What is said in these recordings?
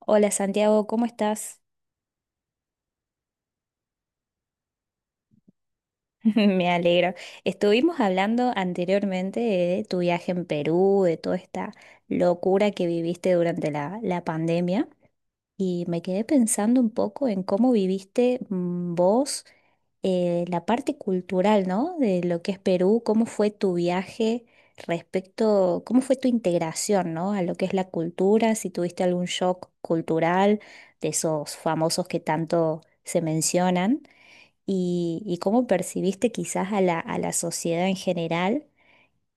Hola, Santiago, ¿cómo estás? Me alegro. Estuvimos hablando anteriormente de tu viaje en Perú, de toda esta locura que viviste durante la pandemia, y me quedé pensando un poco en cómo viviste vos, la parte cultural, ¿no? De lo que es Perú, cómo fue tu viaje respecto, cómo fue tu integración, ¿no? A lo que es la cultura, si tuviste algún shock cultural de esos famosos que tanto se mencionan. Y cómo percibiste quizás a la sociedad en general,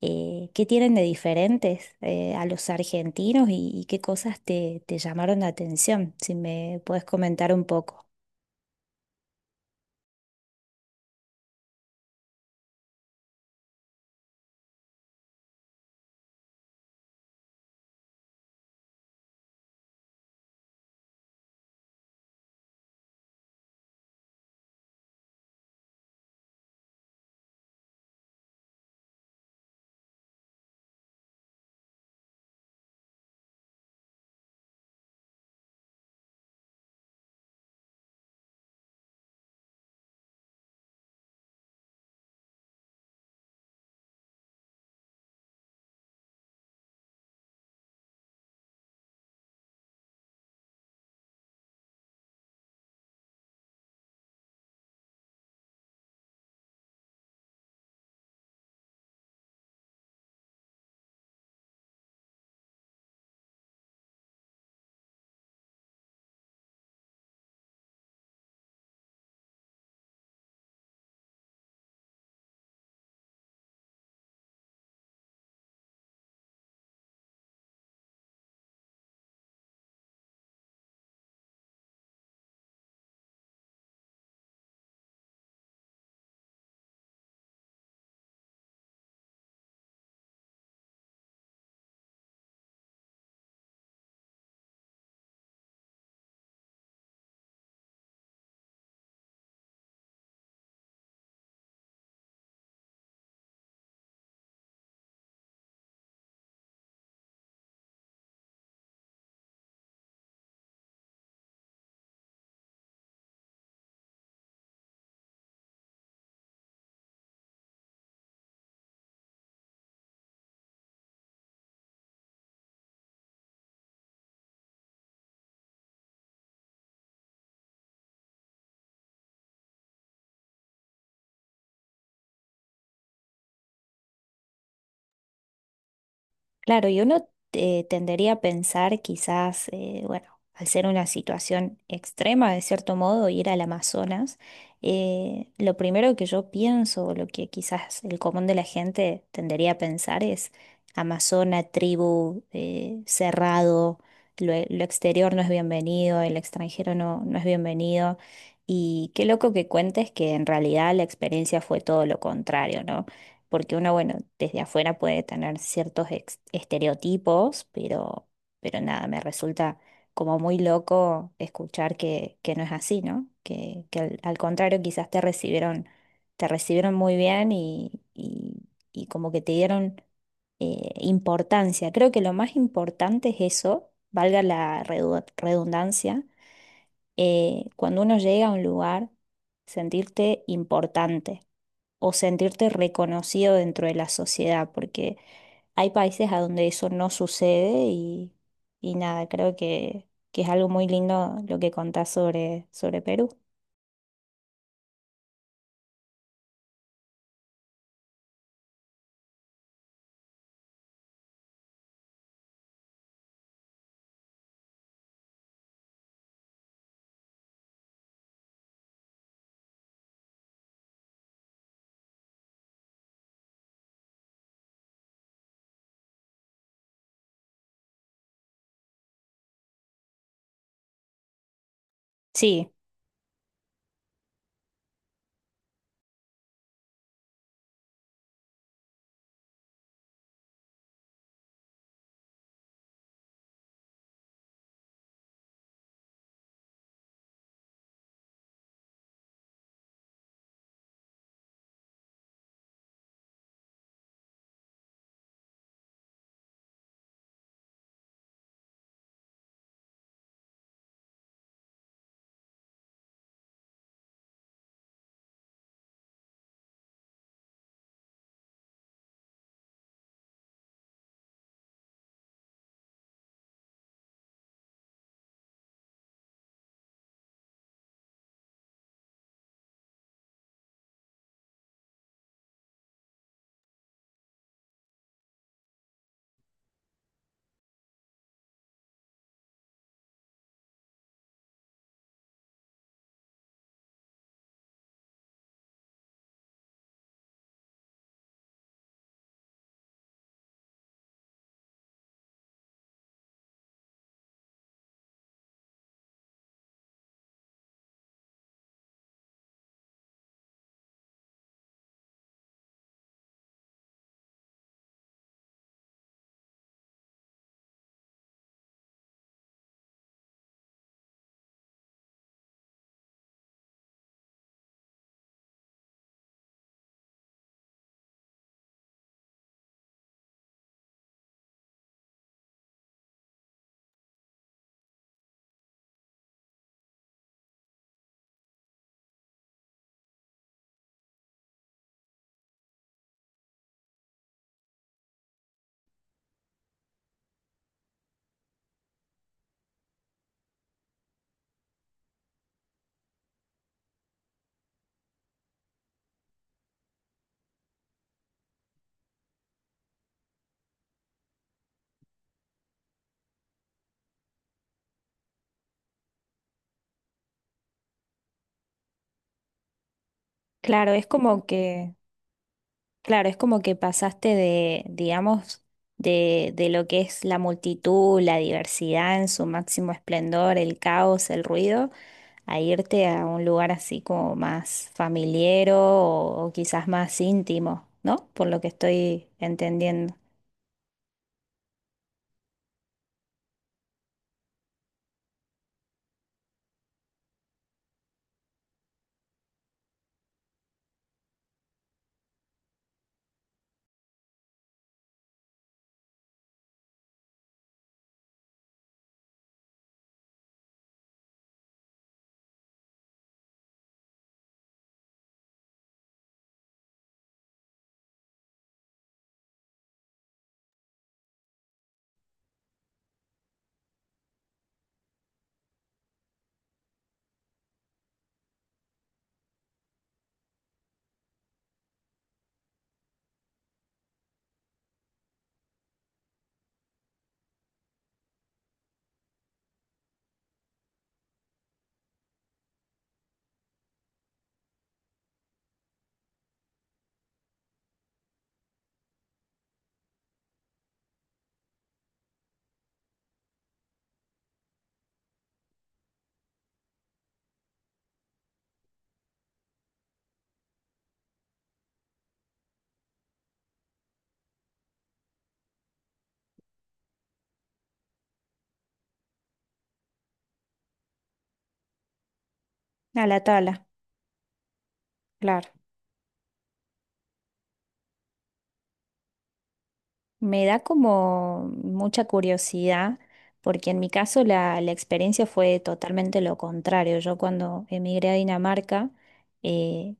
qué tienen de diferentes, a los argentinos, y qué cosas te llamaron la atención, si me puedes comentar un poco. Claro, y uno, tendería a pensar quizás, bueno, al ser una situación extrema, de cierto modo, ir al Amazonas, lo primero que yo pienso, o lo que quizás el común de la gente tendería a pensar es Amazona, tribu, cerrado, lo, lo exterior no es bienvenido, el extranjero no es bienvenido. Y qué loco que cuentes que en realidad la experiencia fue todo lo contrario, ¿no? Porque uno, bueno, desde afuera puede tener ciertos estereotipos, pero nada, me resulta como muy loco escuchar que no es así, ¿no? Que al, al contrario, quizás te recibieron muy bien y como que te dieron, importancia. Creo que lo más importante es eso, valga la redundancia, cuando uno llega a un lugar, sentirte importante o sentirte reconocido dentro de la sociedad, porque hay países a donde eso no sucede y nada, creo que es algo muy lindo lo que contás sobre, sobre Perú. Sí, claro, es como que, claro, es como que pasaste de, digamos, de lo que es la multitud, la diversidad en su máximo esplendor, el caos, el ruido, a irte a un lugar así como más familiero o quizás más íntimo, ¿no? Por lo que estoy entendiendo. A la tabla, claro. Me da como mucha curiosidad, porque en mi caso la experiencia fue totalmente lo contrario. Yo cuando emigré a Dinamarca, eh,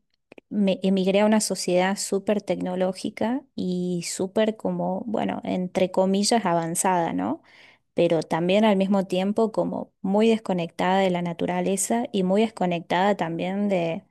me emigré a una sociedad súper tecnológica y súper como, bueno, entre comillas, avanzada, ¿no? Pero también al mismo tiempo como muy desconectada de la naturaleza y muy desconectada también de,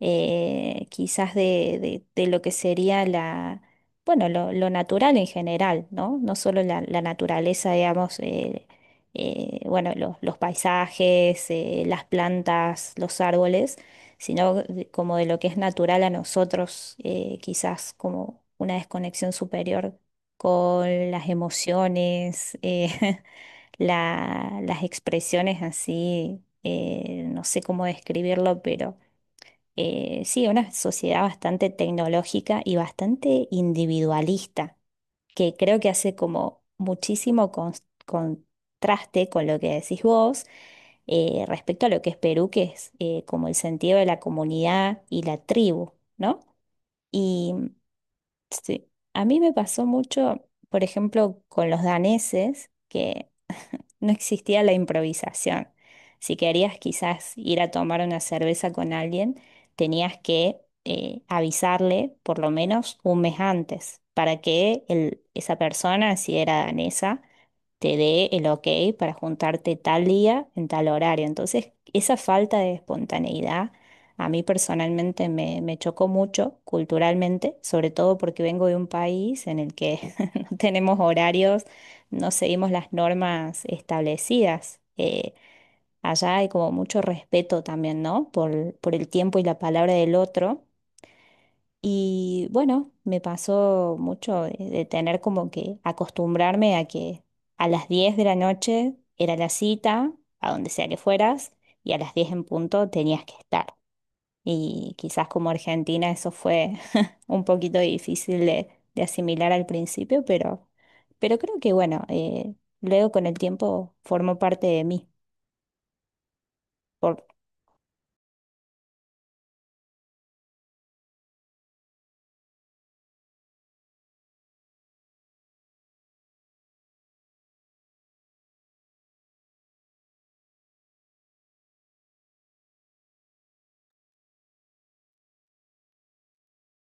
quizás de, de lo que sería la, bueno, lo natural en general, ¿no? No solo la naturaleza, digamos, bueno, los paisajes, las plantas, los árboles, sino como de lo que es natural a nosotros, quizás como una desconexión superior con las emociones. Las expresiones así, no sé cómo describirlo, pero, sí, una sociedad bastante tecnológica y bastante individualista, que creo que hace como muchísimo contraste con lo que decís vos, respecto a lo que es Perú, que es, como el sentido de la comunidad y la tribu, ¿no? Y sí, a mí me pasó mucho, por ejemplo, con los daneses, que no existía la improvisación. Si querías quizás ir a tomar una cerveza con alguien, tenías que, avisarle por lo menos un mes antes para que esa persona, si era danesa, te dé el ok para juntarte tal día en tal horario. Entonces, esa falta de espontaneidad a mí personalmente me chocó mucho culturalmente, sobre todo porque vengo de un país en el que no tenemos horarios, no seguimos las normas establecidas. Allá hay como mucho respeto también, ¿no? Por el tiempo y la palabra del otro. Y bueno, me pasó mucho de tener como que acostumbrarme a que a las 10 de la noche era la cita, a donde sea que fueras, y a las 10 en punto tenías que estar. Y quizás como Argentina eso fue un poquito difícil de asimilar al principio, pero creo que bueno, luego con el tiempo formó parte de mí.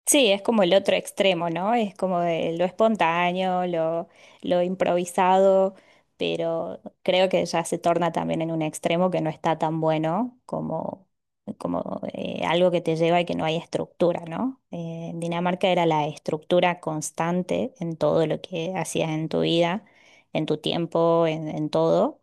Sí, es como el otro extremo, ¿no? Es como de lo espontáneo, lo improvisado, pero creo que ya se torna también en un extremo que no está tan bueno como, como, algo que te lleva y que no hay estructura, ¿no? En Dinamarca era la estructura constante en todo lo que hacías en tu vida, en tu tiempo, en todo.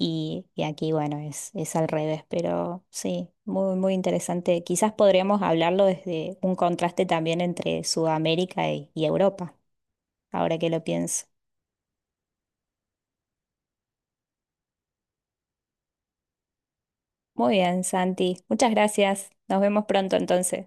Y aquí, bueno, es al revés, pero sí, muy, muy interesante. Quizás podríamos hablarlo desde un contraste también entre Sudamérica y Europa, ahora que lo pienso. Muy bien, Santi. Muchas gracias. Nos vemos pronto entonces.